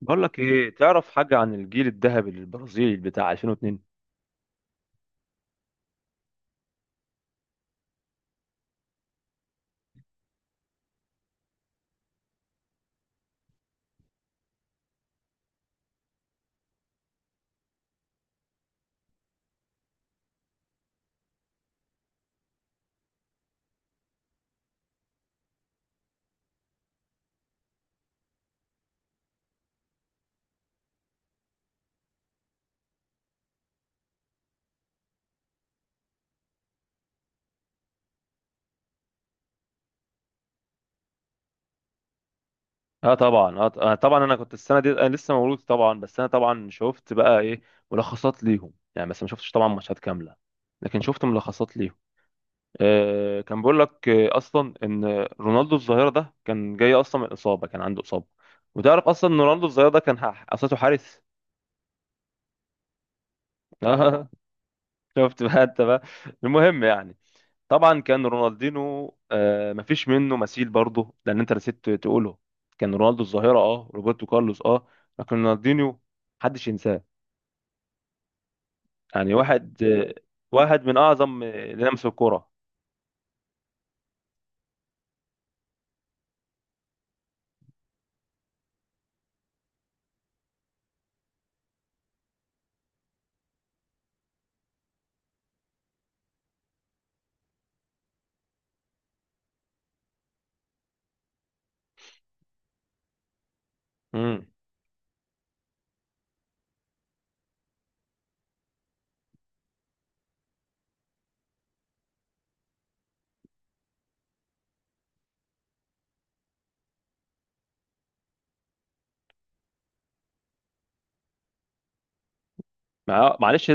بقول لك ايه، تعرف حاجه عن الجيل الذهبي البرازيلي بتاع 2002؟ اه طبعا، انا كنت السنه دي، انا لسه مولود طبعا، بس انا طبعا شفت بقى ايه، ملخصات ليهم يعني، بس ما شفتش طبعا ماتشات كامله، لكن شفت ملخصات ليهم. آه، كان بيقول لك آه اصلا ان رونالدو الظاهره ده كان جاي اصلا من اصابه، كان عنده اصابه، وتعرف اصلا ان رونالدو الظاهره ده اصله حارس. اه، شفت بقى انت بقى، المهم يعني. طبعا كان رونالدينو، آه، مفيش منه مثيل برضه لان انت نسيت تقوله، كان رونالدو الظاهره، اه روبرتو كارلوس اه، لكن رونالدينيو محدش ينساه. يعني واحد، آه، واحد من اعظم، آه، اللي لمسوا الكوره. امم معلش،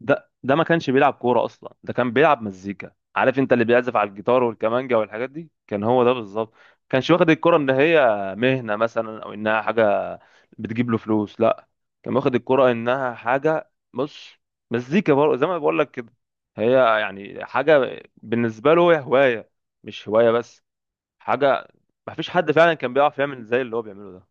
ده ما كانش بيلعب كورة أصلا، ده كان بيلعب مزيكا. عارف أنت اللي بيعزف على الجيتار والكمانجا والحاجات دي؟ كان هو ده بالظبط. كانش واخد الكورة إن هي مهنة مثلا أو إنها حاجة بتجيب له فلوس، لا. كان واخد الكورة إنها حاجة، بص، مزيكا برضه زي ما بقول لك كده. هي يعني حاجة بالنسبة له، هي هواية، مش هواية بس، حاجة. ما فيش حد فعلا كان بيعرف يعمل زي اللي هو بيعمله ده.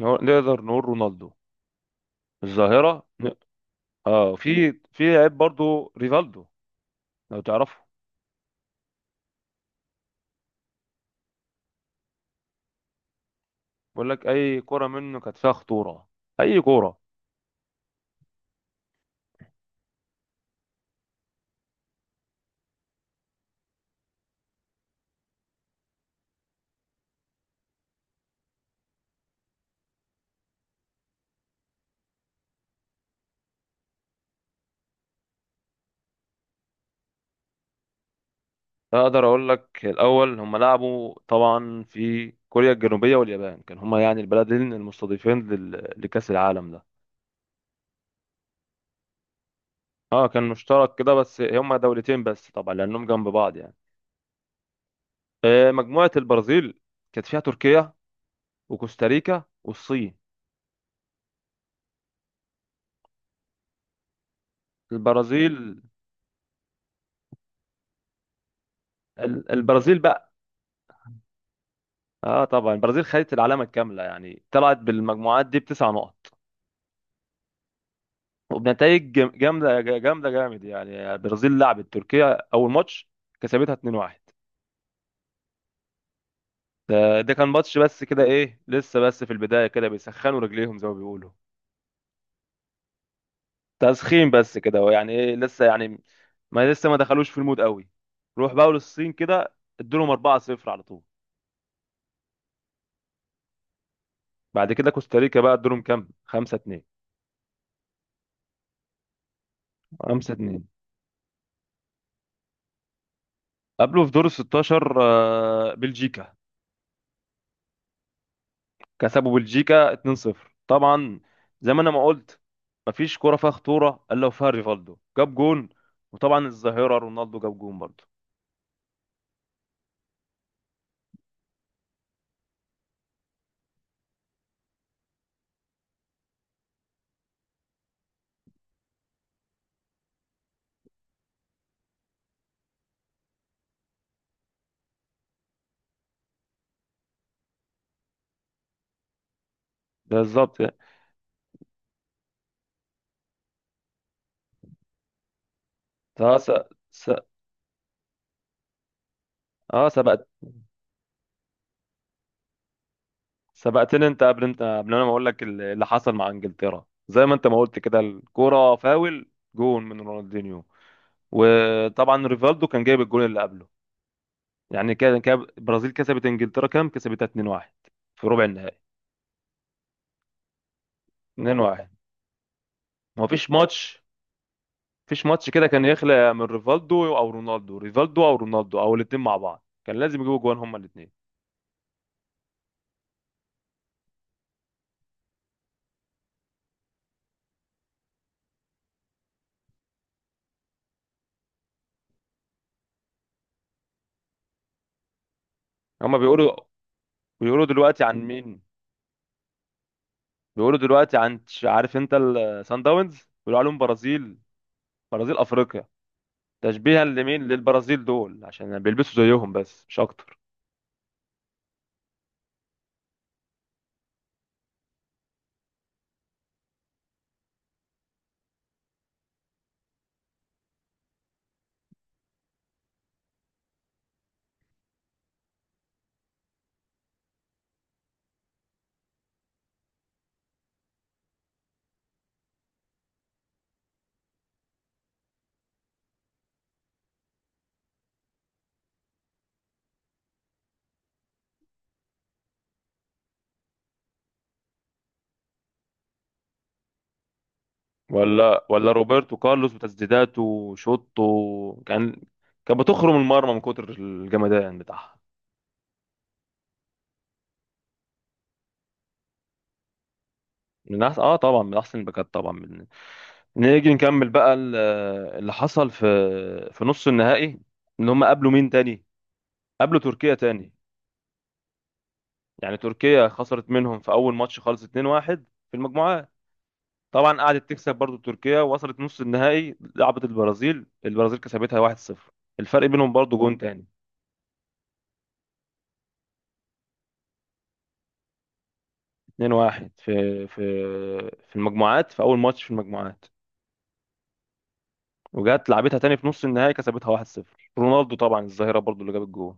نقدر نقول رونالدو الظاهرة. اه، في عيب برضه ريفالدو، لو تعرفه. بقول لك اي كرة منه كانت فيها خطورة، اي كرة. اقدر اقول لك الاول، هم لعبوا طبعا في كوريا الجنوبية واليابان، كان هما يعني البلدين المستضيفين لكأس العالم ده. اه كان مشترك كده بس، هما دولتين بس طبعا لانهم جنب بعض يعني. آه، مجموعة البرازيل كانت فيها تركيا وكوستاريكا والصين. البرازيل، البرازيل بقى، اه طبعا البرازيل خدت العلامة الكاملة يعني، طلعت بالمجموعات دي بتسع نقط، وبنتائج جامده جامد يعني. البرازيل لعبت تركيا اول ماتش، كسبتها 2-1. ده كان ماتش بس كده، ايه لسه بس في البدايه كده بيسخنوا رجليهم زي ما بيقولوا، تسخين بس كده ويعني ايه لسه يعني، ما لسه ما دخلوش في المود قوي. روح بقى للصين كده، ادولهم 4-0 على طول. بعد كده كوستاريكا بقى، ادولهم كام، 5-2. 5-2. قبله في دور ال 16، آه، بلجيكا، كسبوا بلجيكا 2-0 طبعا. زي ما انا ما قلت، مفيش كرة فيها خطورة الا وفيها ريفالدو جاب جون، وطبعا الظاهرة رونالدو جاب جون برضه. بالظبط. اه س... س... اه سبقت. سبقتني انت، قبل، انت قبل انا ما اقول لك اللي حصل مع انجلترا، زي ما انت ما قلت كده، الكرة فاول جون من رونالدينيو، وطبعا ريفالدو كان جايب الجون اللي قبله. يعني كده كده البرازيل كسبت انجلترا كام، كسبتها 2-1 في ربع النهائي. 2-1. مفيش ماتش مفيش ماتش كده كان يخلق من ريفالدو او رونالدو، ريفالدو او رونالدو او الاثنين مع بعض، كان لازم يجيبوا جوان هما الاثنين. هما بيقولوا، بيقولوا دلوقتي عن مين؟ بيقولوا دلوقتي عن عارف انت السان داونز، بيقولوا عليهم برازيل، برازيل افريقيا. تشبيها لمين؟ للبرازيل دول، عشان بيلبسوا زيهم بس مش اكتر. ولا ولا روبرتو كارلوس وتسديداته وشوطه، كان كان بتخرم المرمى من كتر الجمدان بتاعها. من أحسن، اه طبعا من احسن الباكات طبعا. نيجي نكمل بقى اللي حصل في، في نص النهائي، ان هم قابلوا مين تاني، قابلوا تركيا تاني. يعني تركيا خسرت منهم في اول ماتش خالص 2-1 في المجموعات، طبعا قعدت تكسب برضو، تركيا وصلت نص النهائي، لعبت البرازيل، البرازيل كسبتها 1-0. الفرق بينهم برضو جون تاني. 2-1 في في في المجموعات، في اول ماتش في المجموعات، وجات لعبتها تاني في نص النهائي، كسبتها 1-0. رونالدو طبعا الظاهرة برضو اللي جاب الجول.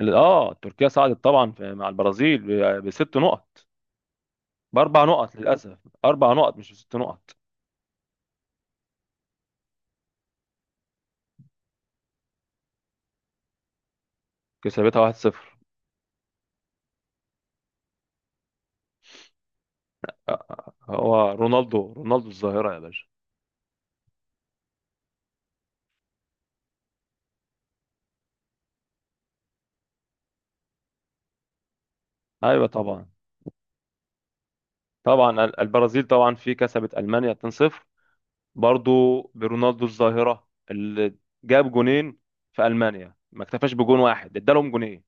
اه تركيا صعدت طبعا مع البرازيل بست نقط، باربع نقط للاسف، اربع نقط مش بست نقط. كسبتها 1-0. آه، هو رونالدو، رونالدو الظاهره يا باشا. ايوه طبعا. طبعا البرازيل طبعا في كسبت المانيا 2-0، برضو برونالدو الظاهره اللي جاب جونين. في المانيا ما اكتفاش بجون واحد، ادالهم جونين.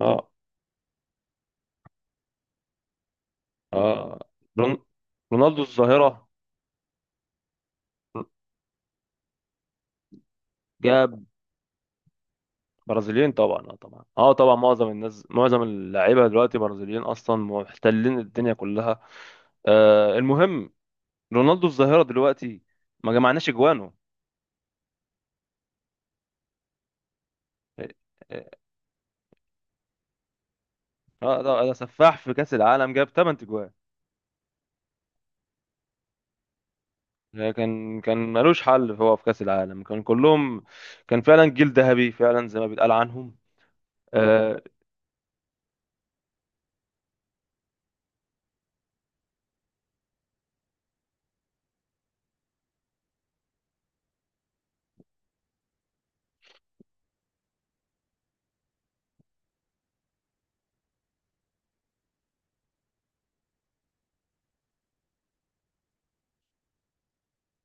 اه. اه رون- رونالدو الظاهره، جاب برازيليين طبعا، اه طبعا، اه طبعا معظم الناس، معظم اللعيبه دلوقتي برازيليين اصلا، محتلين الدنيا كلها. آه المهم، رونالدو الظاهره دلوقتي ما جمعناش اجوانه. اه. آه، ده سفاح في كاس العالم، جاب 8 اجوان، كان ملوش حل هو في كاس العالم، كان كلهم، كان فعلا جيل ذهبي فعلا زي ما بيتقال عنهم. اه.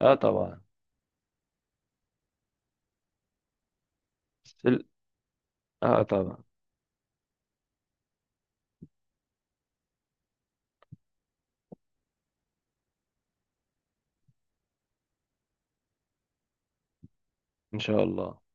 آه طبعا ال- اه طبعا ان شاء الله.